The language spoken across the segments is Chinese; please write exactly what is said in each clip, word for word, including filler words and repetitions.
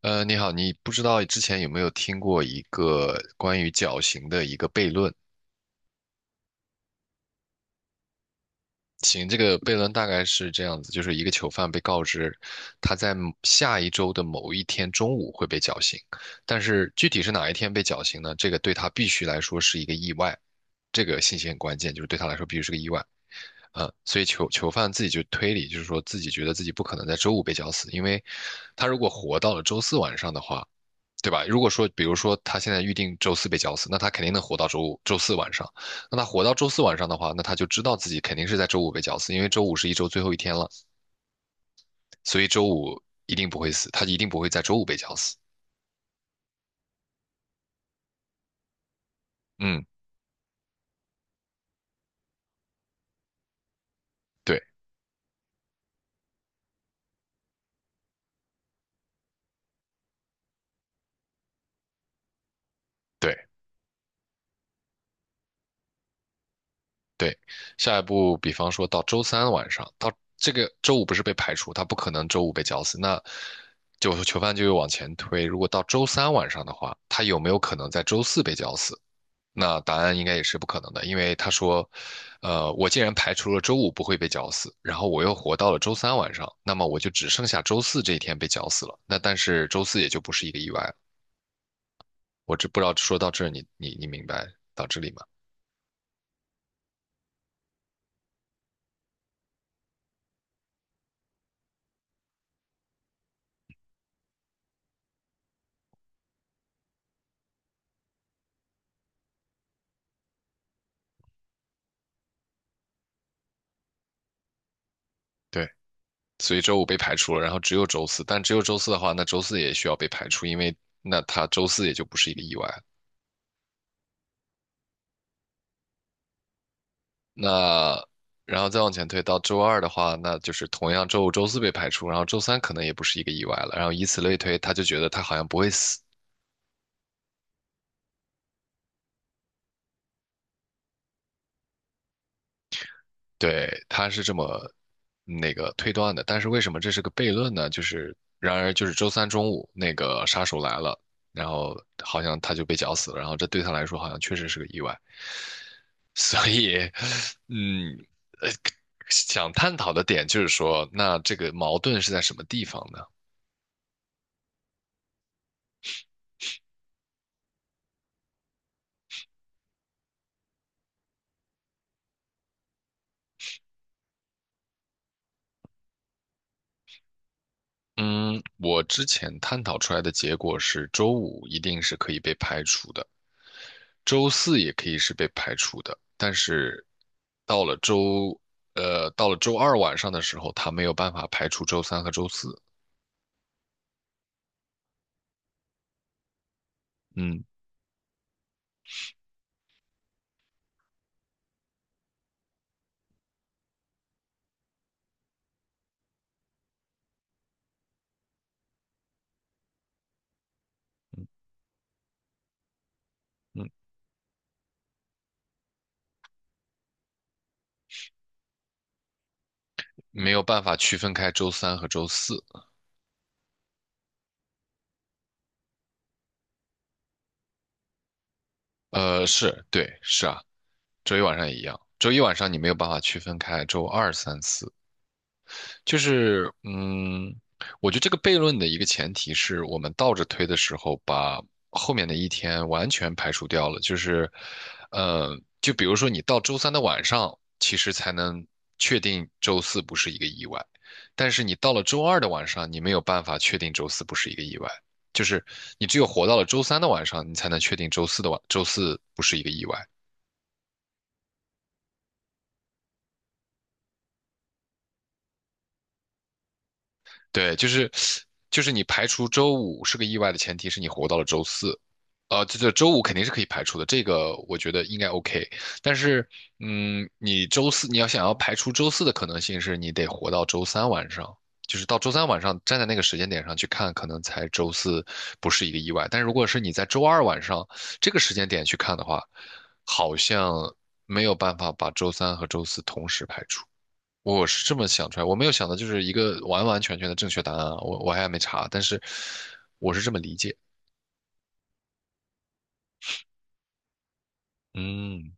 呃，你好，你不知道之前有没有听过一个关于绞刑的一个悖论？行，这个悖论大概是这样子，就是一个囚犯被告知他在某下一周的某一天中午会被绞刑，但是具体是哪一天被绞刑呢？这个对他必须来说是一个意外，这个信息很关键，就是对他来说必须是个意外。呃，所以囚囚犯自己就推理，就是说自己觉得自己不可能在周五被绞死，因为他如果活到了周四晚上的话。对吧？如果说，比如说他现在预定周四被绞死，那他肯定能活到周五、周四晚上。那他活到周四晚上的话，那他就知道自己肯定是在周五被绞死，因为周五是一周最后一天了，所以周五一定不会死，他一定不会在周五被绞死。嗯，对对对。下一步，比方说到周三晚上，到这个周五不是被排除，他不可能周五被绞死，那就囚犯就又往前推。如果到周三晚上的话，他有没有可能在周四被绞死？那答案应该也是不可能的，因为他说，呃，我既然排除了周五不会被绞死，然后我又活到了周三晚上，那么我就只剩下周四这一天被绞死了。那但是周四也就不是一个意外了。我这不知道说到这儿你，你你你明白到这里吗？对，所以周五被排除了，然后只有周四，但只有周四的话，那周四也需要被排除，因为那他周四也就不是一个意外了。那然后再往前推到周二的话，那就是同样周五、周四被排除，然后周三可能也不是一个意外了，然后以此类推，他就觉得他好像不会死。对，他是这么那个推断的。但是为什么这是个悖论呢？就是然而就是周三中午那个杀手来了，然后好像他就被绞死了，然后这对他来说好像确实是个意外。所以，嗯，呃想探讨的点就是说，那这个矛盾是在什么地方呢？嗯，我之前探讨出来的结果是，周五一定是可以被排除的，周四也可以是被排除的，但是到了周，呃，到了周二晚上的时候，他没有办法排除周三和周四，嗯嗯，没有办法区分开周三和周四，呃，是，对，是啊，周一晚上也一样，周一晚上你没有办法区分开周二、三、四。就是嗯，我觉得这个悖论的一个前提是我们倒着推的时候，把后面的一天完全排除掉了。就是，呃，就比如说你到周三的晚上，其实才能确定周四不是一个意外，但是你到了周二的晚上，你没有办法确定周四不是一个意外。就是你只有活到了周三的晚上，你才能确定周四的晚，周四不是一个意外。对，就是就是你排除周五是个意外的前提是你活到了周四，呃，这这周五肯定是可以排除的，这个我觉得应该 OK。但是，嗯，你周四你要想要排除周四的可能性是你得活到周三晚上，就是到周三晚上站在那个时间点上去看，可能才周四不是一个意外。但如果是你在周二晚上这个时间点去看的话，好像没有办法把周三和周四同时排除。我是这么想出来，我没有想到就是一个完完全全的正确答案啊，我我还没查，但是我是这么理解。嗯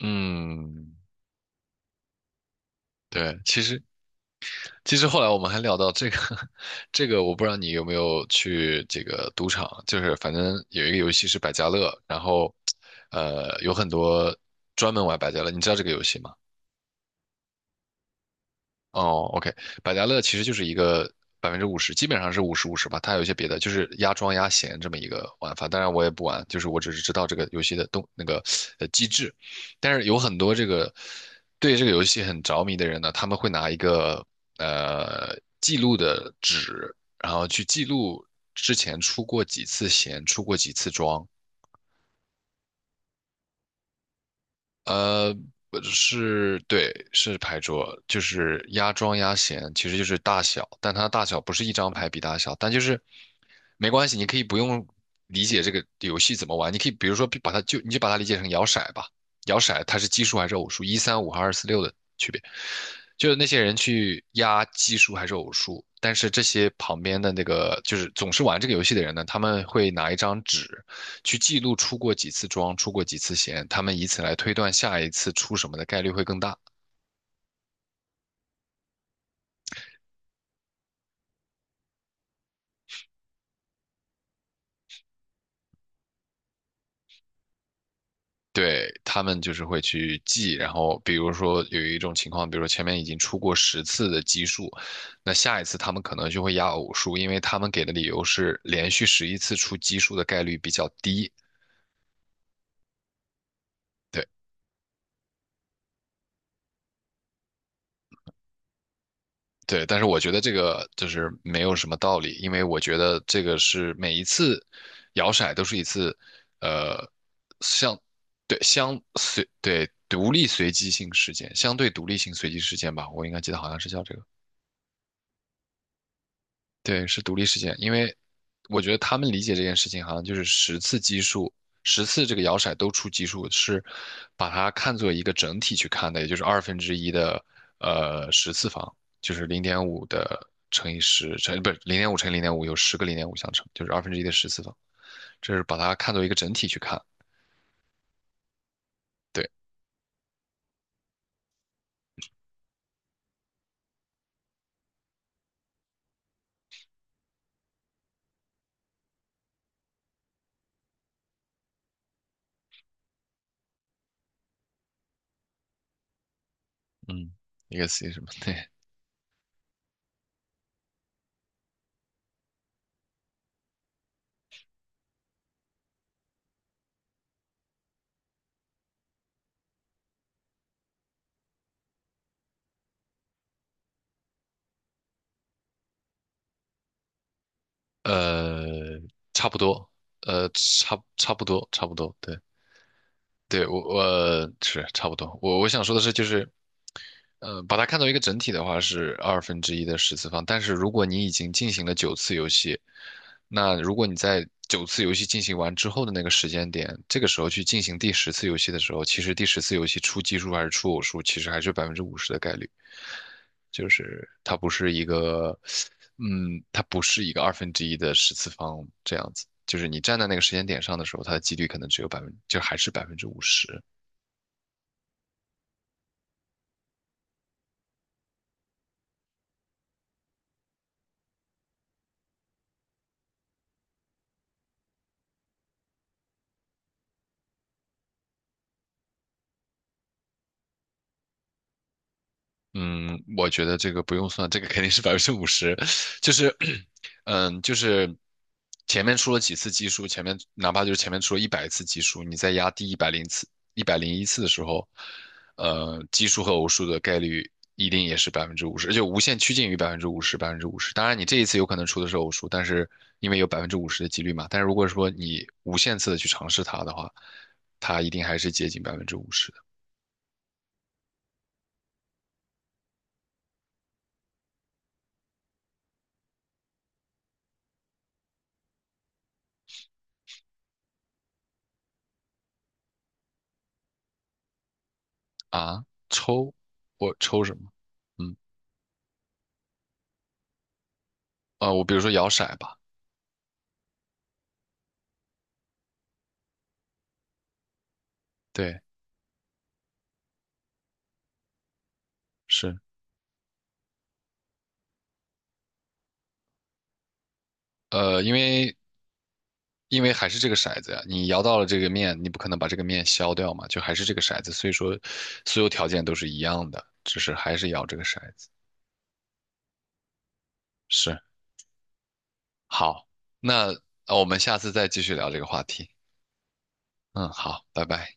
嗯，对，其实其实后来我们还聊到这个，这个我不知道你有没有去这个赌场，就是反正有一个游戏是百家乐，然后呃有很多专门玩百家乐，你知道这个游戏吗？哦，OK，百家乐其实就是一个百分之五十，基本上是五十五十吧。它有一些别的，就是压庄压闲这么一个玩法。当然我也不玩，就是我只是知道这个游戏的动那个呃机制。但是有很多这个对这个游戏很着迷的人呢，他们会拿一个呃记录的纸，然后去记录之前出过几次闲，出过几次庄，呃，不是，对，是牌桌，就是压庄压闲，其实就是大小，但它大小不是一张牌比大小，但就是没关系，你可以不用理解这个游戏怎么玩，你可以比如说把它就你就把它理解成摇骰吧，摇骰它是奇数还是偶数，一三五和二四六的区别，就是那些人去压奇数还是偶数，但是这些旁边的那个就是总是玩这个游戏的人呢，他们会拿一张纸去记录出过几次庄，出过几次闲，他们以此来推断下一次出什么的概率会更大。对，他们就是会去记，然后比如说有一种情况，比如说前面已经出过十次的奇数，那下一次他们可能就会压偶数，因为他们给的理由是连续十一次出奇数的概率比较低。对，对，但是我觉得这个就是没有什么道理，因为我觉得这个是每一次摇骰都是一次，呃，相对相随对独立随机性事件，相对独立性随机事件吧，我应该记得好像是叫这个。对，是独立事件，因为我觉得他们理解这件事情，好像就是十次基数，十次这个摇骰都出奇数，是把它看作一个整体去看的，也就是二分之一的呃十次方，就是零点五的乘以十乘，不是零点五乘以零点五有十个零点五相乘，就是二分之一的十次方，这是把它看作一个整体去看。对，嗯，一个 C 什么？对，呃，差不多，呃，差差不多，差不多，对。对，我我是差不多。我我想说的是，就是呃，把它看作一个整体的话是二分之一的十次方，但是如果你已经进行了九次游戏，那如果你在九次游戏进行完之后的那个时间点，这个时候去进行第十次游戏的时候，其实第十次游戏出奇数还是出偶数，其实还是百分之五十的概率，就是它不是一个，嗯，它不是一个二分之一的十次方这样子。就是你站在那个时间点上的时候，它的几率可能只有百分，就还是百分之五十。嗯，我觉得这个不用算，这个肯定是百分之五十，就是，嗯，就是前面出了几次奇数，前面哪怕就是前面出了一百次奇数，你再压第一百零次、一百零一次的时候，呃，奇数和偶数的概率一定也是百分之五十，而且无限趋近于百分之五十、百分之五十。当然，你这一次有可能出的是偶数，但是因为有百分之五十的几率嘛，但是如果说你无限次的去尝试它的话，它一定还是接近百分之五十的。啊。抽，我抽什么？嗯。呃，我比如说摇骰吧，对，是，呃，因为因为还是这个骰子呀，你摇到了这个面，你不可能把这个面消掉嘛，就还是这个骰子，所以说所有条件都是一样的，只是还是摇这个骰子。是，好，那呃我们下次再继续聊这个话题。嗯，好，拜拜。